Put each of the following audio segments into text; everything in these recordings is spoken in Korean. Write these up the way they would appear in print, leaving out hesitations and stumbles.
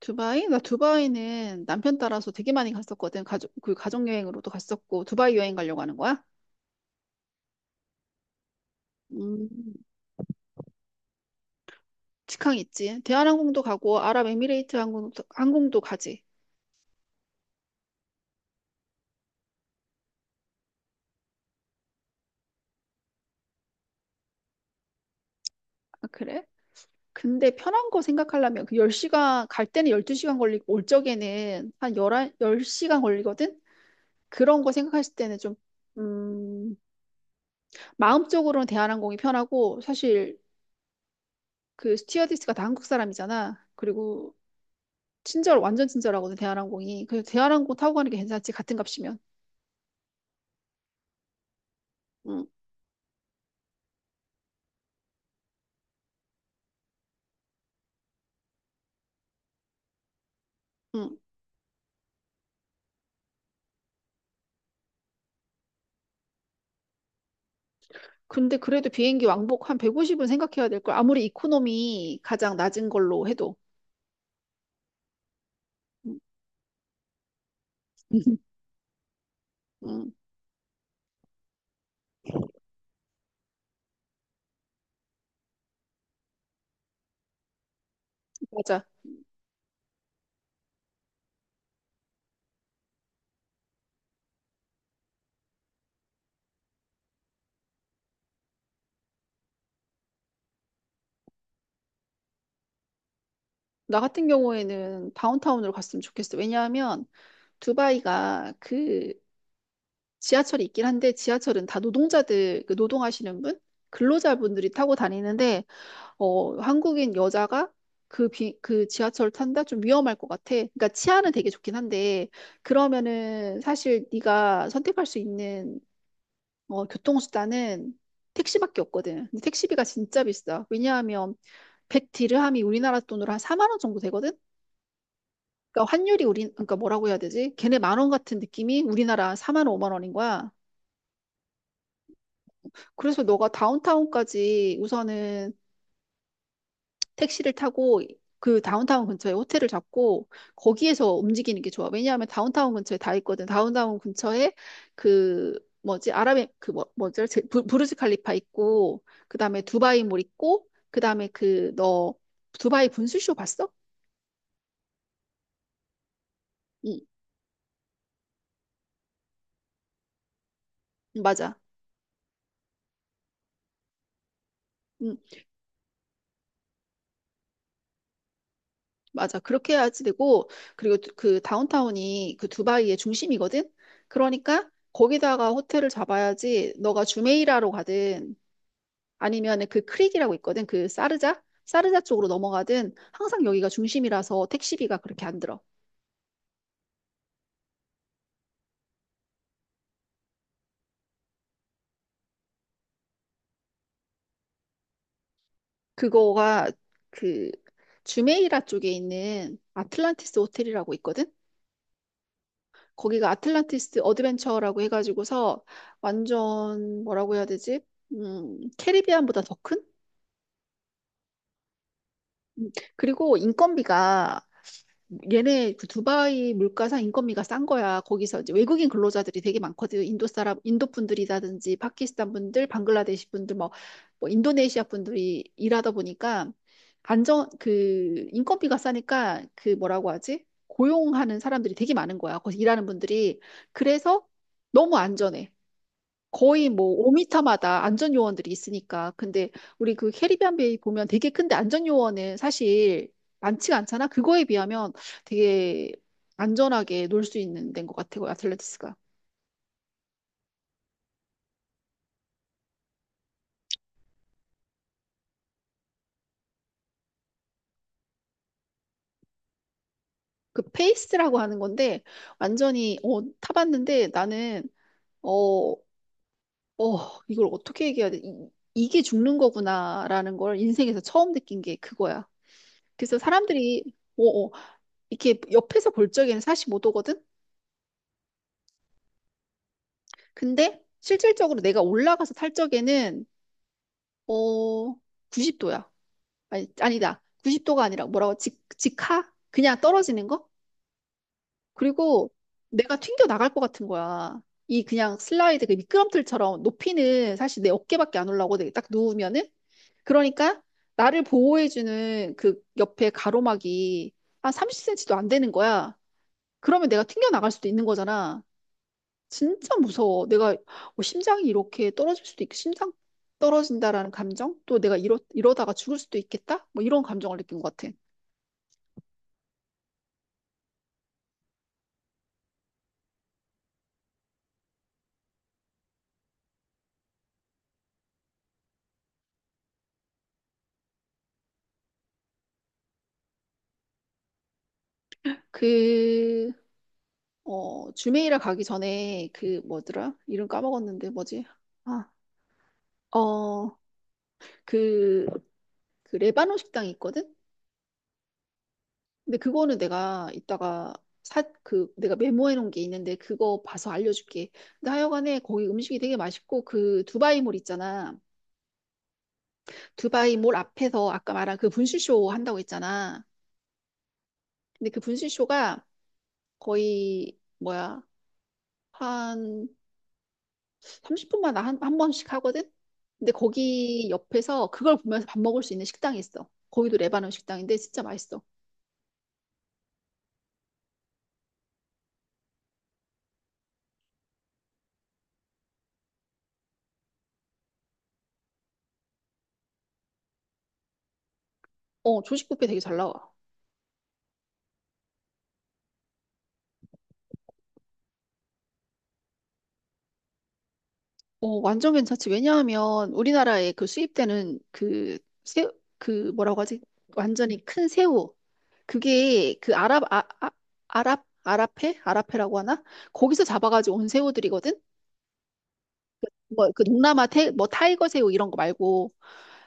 두바이? 나 두바이는 남편 따라서 되게 많이 갔었거든. 가족여행으로도 갔었고, 두바이 여행 가려고 하는 거야? 음, 직항 있지. 대한항공도 가고, 아랍에미레이트 항공도 가지. 아, 그래? 근데 편한 거 생각하려면 그 10시간, 갈 때는 12시간 걸리고, 올 적에는 한1한열0시간 걸리거든? 그런 거 생각하실 때는 좀, 음, 마음적으로는 대한항공이 편하고, 사실 그 스튜어디스가 다 한국 사람이잖아. 그리고 친절, 완전 친절하거든, 대한항공이. 그래서 대한항공 타고 가는 게 괜찮지, 같은 값이면. 응, 응. 근데 그래도 비행기 왕복 한 150은 생각해야 될 걸. 아무리 이코노미 가장 낮은 걸로 해도. 응, 응, 맞아. 나 같은 경우에는 다운타운으로 갔으면 좋겠어. 왜냐하면 두바이가 그 지하철이 있긴 한데 지하철은 다 노동자들, 그 노동하시는 분? 근로자분들이 타고 다니는데 한국인 여자가 그 지하철 탄다? 좀 위험할 것 같아. 그러니까 치안은 되게 좋긴 한데, 그러면은 사실 네가 선택할 수 있는 교통수단은 택시밖에 없거든. 근데 택시비가 진짜 비싸. 왜냐하면 백 디르함이 우리나라 돈으로 한 4만 원 정도 되거든? 그러니까 환율이 우리, 그러니까 뭐라고 해야 되지? 걔네 10,000원 같은 느낌이 우리나라 4만 원, 5만 원인 거야. 그래서 너가 다운타운까지 우선은 택시를 타고 그 다운타운 근처에 호텔을 잡고 거기에서 움직이는 게 좋아. 왜냐하면 다운타운 근처에 다 있거든. 다운타운 근처에 그 뭐지? 아랍의 그 뭐지? 부르즈 칼리파 있고 그다음에 두바이몰 있고 그다음에 그 너 두바이 분수쇼 봤어? 응. 응, 맞아. 응. 맞아. 그렇게 해야지 되고 그리고 그 다운타운이 그 두바이의 중심이거든. 그러니까 거기다가 호텔을 잡아야지 너가 주메이라로 가든 아니면 그 크릭이라고 있거든. 그 사르자? 사르자 쪽으로 넘어가든 항상 여기가 중심이라서 택시비가 그렇게 안 들어. 그거가 그 주메이라 쪽에 있는 아틀란티스 호텔이라고 있거든. 거기가 아틀란티스 어드벤처라고 해가지고서 완전 뭐라고 해야 되지? 캐리비안보다 더 큰? 그리고 인건비가 얘네 그 두바이 물가상 인건비가 싼 거야. 거기서 이제 외국인 근로자들이 되게 많거든. 인도 사람, 인도 분들이라든지 파키스탄 분들, 방글라데시 분들, 뭐, 뭐 인도네시아 분들이 일하다 보니까 안정 그 인건비가 싸니까 그 뭐라고 하지? 고용하는 사람들이 되게 많은 거야. 거기서 일하는 분들이. 그래서 너무 안전해. 거의 뭐 5m마다 안전 요원들이 있으니까. 근데 우리 그 캐리비안 베이 보면 되게 큰데 안전 요원은 사실 많지가 않잖아. 그거에 비하면 되게 안전하게 놀 수 있는 데인 것 같아요. 아틀레티스가. 그 페이스라고 하는 건데 완전히 타봤는데 나는 어, 어, 이걸 어떻게 얘기해야 돼? 이게 죽는 거구나라는 걸 인생에서 처음 느낀 게 그거야. 그래서 사람들이 어, 어, 이렇게 옆에서 볼 적에는 45도거든? 근데 실질적으로 내가 올라가서 탈 적에는 어 90도야. 아니 아니다. 90도가 아니라 뭐라고 직 직하? 그냥 떨어지는 거? 그리고 내가 튕겨 나갈 것 같은 거야. 이 그냥 슬라이드 그 미끄럼틀처럼 높이는 사실 내 어깨밖에 안 올라오고 내가 딱 누우면은 그러니까 나를 보호해주는 그 옆에 가로막이 한 30cm도 안 되는 거야. 그러면 내가 튕겨 나갈 수도 있는 거잖아. 진짜 무서워. 내가 뭐 심장이 이렇게 떨어질 수도 있고, 심장 떨어진다라는 감정? 또 내가 이러다가 죽을 수도 있겠다? 뭐 이런 감정을 느낀 것 같아. 그, 주메이라 가기 전에 그 뭐더라? 이름 까먹었는데 뭐지? 아, 어, 그, 그 레바논 식당이 있거든? 근데 그거는 내가 이따가 그, 내가 메모해 놓은 게 있는데 그거 봐서 알려줄게. 근데 하여간에 거기 음식이 되게 맛있고 그 두바이몰 있잖아. 두바이 몰 앞에서 아까 말한 그 분수쇼 한다고 했잖아. 근데 그 분수쇼가 거의 뭐야 한 30분마다 한 번씩 하거든. 근데 거기 옆에서 그걸 보면서 밥 먹을 수 있는 식당이 있어. 거기도 레바논 식당인데 진짜 맛있어. 조식 뷔페 되게 잘 나와. 완전 괜찮지. 왜냐하면 우리나라에 그 수입되는 그 새 그 뭐라고 하지? 완전히 큰 새우 그게 그 아랍 아랍해? 아랍해라고 하나? 거기서 잡아가지고 온 새우들이거든? 뭐 그 동남아 뭐 타이거 새우 이런 거 말고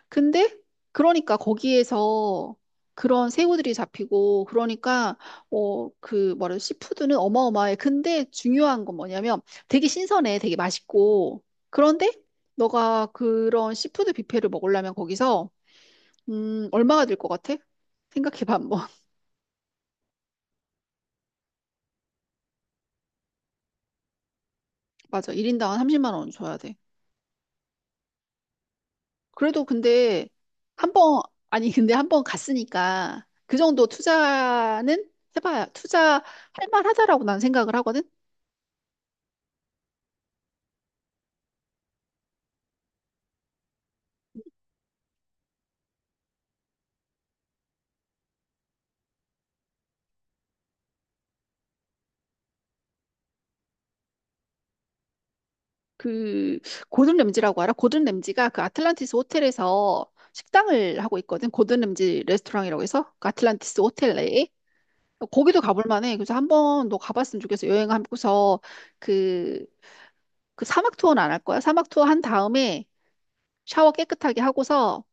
근데 그러니까 거기에서 그런 새우들이 잡히고 그러니까 그 뭐래 시푸드는 어마어마해 근데 중요한 건 뭐냐면 되게 신선해 되게 맛있고 그런데 너가 그런 시푸드 뷔페를 먹으려면 거기서 얼마가 들 것 같아? 생각해봐 한번 맞아 1인당 한 30만 원 줘야 돼. 그래도 근데 한 번, 아니, 근데 한 번 갔으니까 그 정도 투자는 투자할 만하다라고 난 생각을 하거든? 그, 고든 램지라고 알아? 고든 램지가 그 아틀란티스 호텔에서 식당을 하고 있거든? 고든 램지 레스토랑이라고 해서? 그 아틀란티스 호텔 내에? 거기도 가볼 만해. 그래서 한 번 너 가봤으면 좋겠어. 여행하고서 그, 그 사막 투어는 안 할 거야. 사막 투어 한 다음에 샤워 깨끗하게 하고서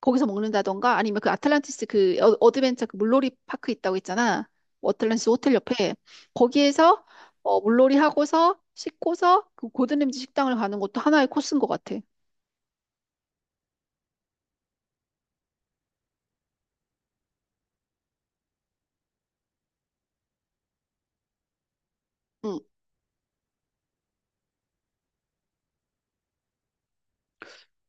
거기서 먹는다던가 아니면 그 아틀란티스 그 어드벤처 그 물놀이 파크 있다고 했잖아. 뭐 어틀란티스 호텔 옆에 거기에서 물놀이 하고서 씻고서 그 고든램지 식당을 가는 것도 하나의 코스인 것 같아. 응,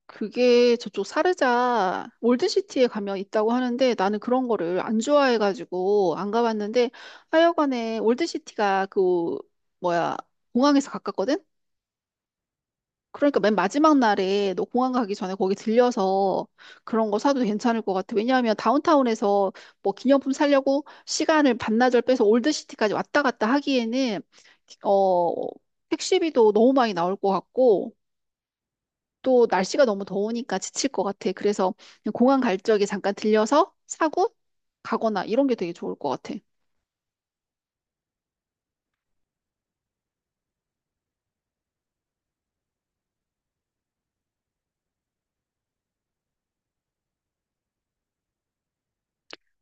그게 저쪽 사르자 올드시티에 가면 있다고 하는데 나는 그런 거를 안 좋아해가지고 안 가봤는데 하여간에 올드시티가 그 뭐야 공항에서 가깝거든? 그러니까 맨 마지막 날에 너 공항 가기 전에 거기 들려서 그런 거 사도 괜찮을 것 같아. 왜냐하면 다운타운에서 뭐 기념품 사려고 시간을 반나절 빼서 올드시티까지 왔다 갔다 하기에는 어 택시비도 너무 많이 나올 것 같고 또 날씨가 너무 더우니까 지칠 것 같아. 그래서 그냥 공항 갈 적에 잠깐 들려서 사고 가거나 이런 게 되게 좋을 것 같아.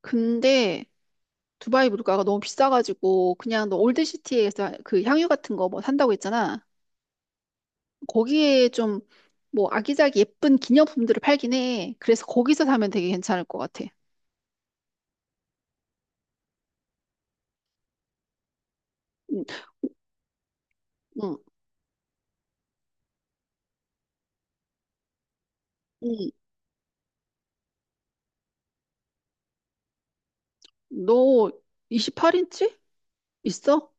근데 두바이 물가가 너무 비싸가지고 그냥 너 올드시티에서 그 향유 같은 거 뭐 산다고 했잖아. 거기에 좀 뭐 아기자기 예쁜 기념품들을 팔긴 해. 그래서 거기서 사면 되게 괜찮을 것 같아. 응, 응, 응. 너 28인치 있어?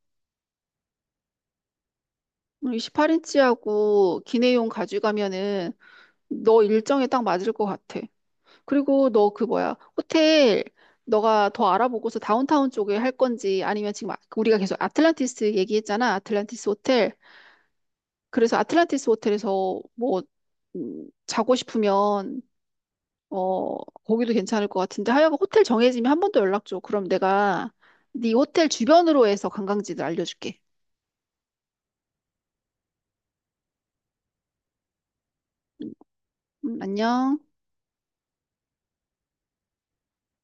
28인치하고 기내용 가져가면은 너 일정에 딱 맞을 것 같아. 그리고 너 그 뭐야 호텔 너가 더 알아보고서 다운타운 쪽에 할 건지 아니면 지금 우리가 계속 아틀란티스 얘기했잖아. 아틀란티스 호텔. 그래서 아틀란티스 호텔에서 뭐 자고 싶으면 어, 거기도 괜찮을 것 같은데 하여간 호텔 정해지면 한 번 더 연락 줘. 그럼 내가 네 호텔 주변으로 해서 관광지들 알려줄게. 음, 안녕.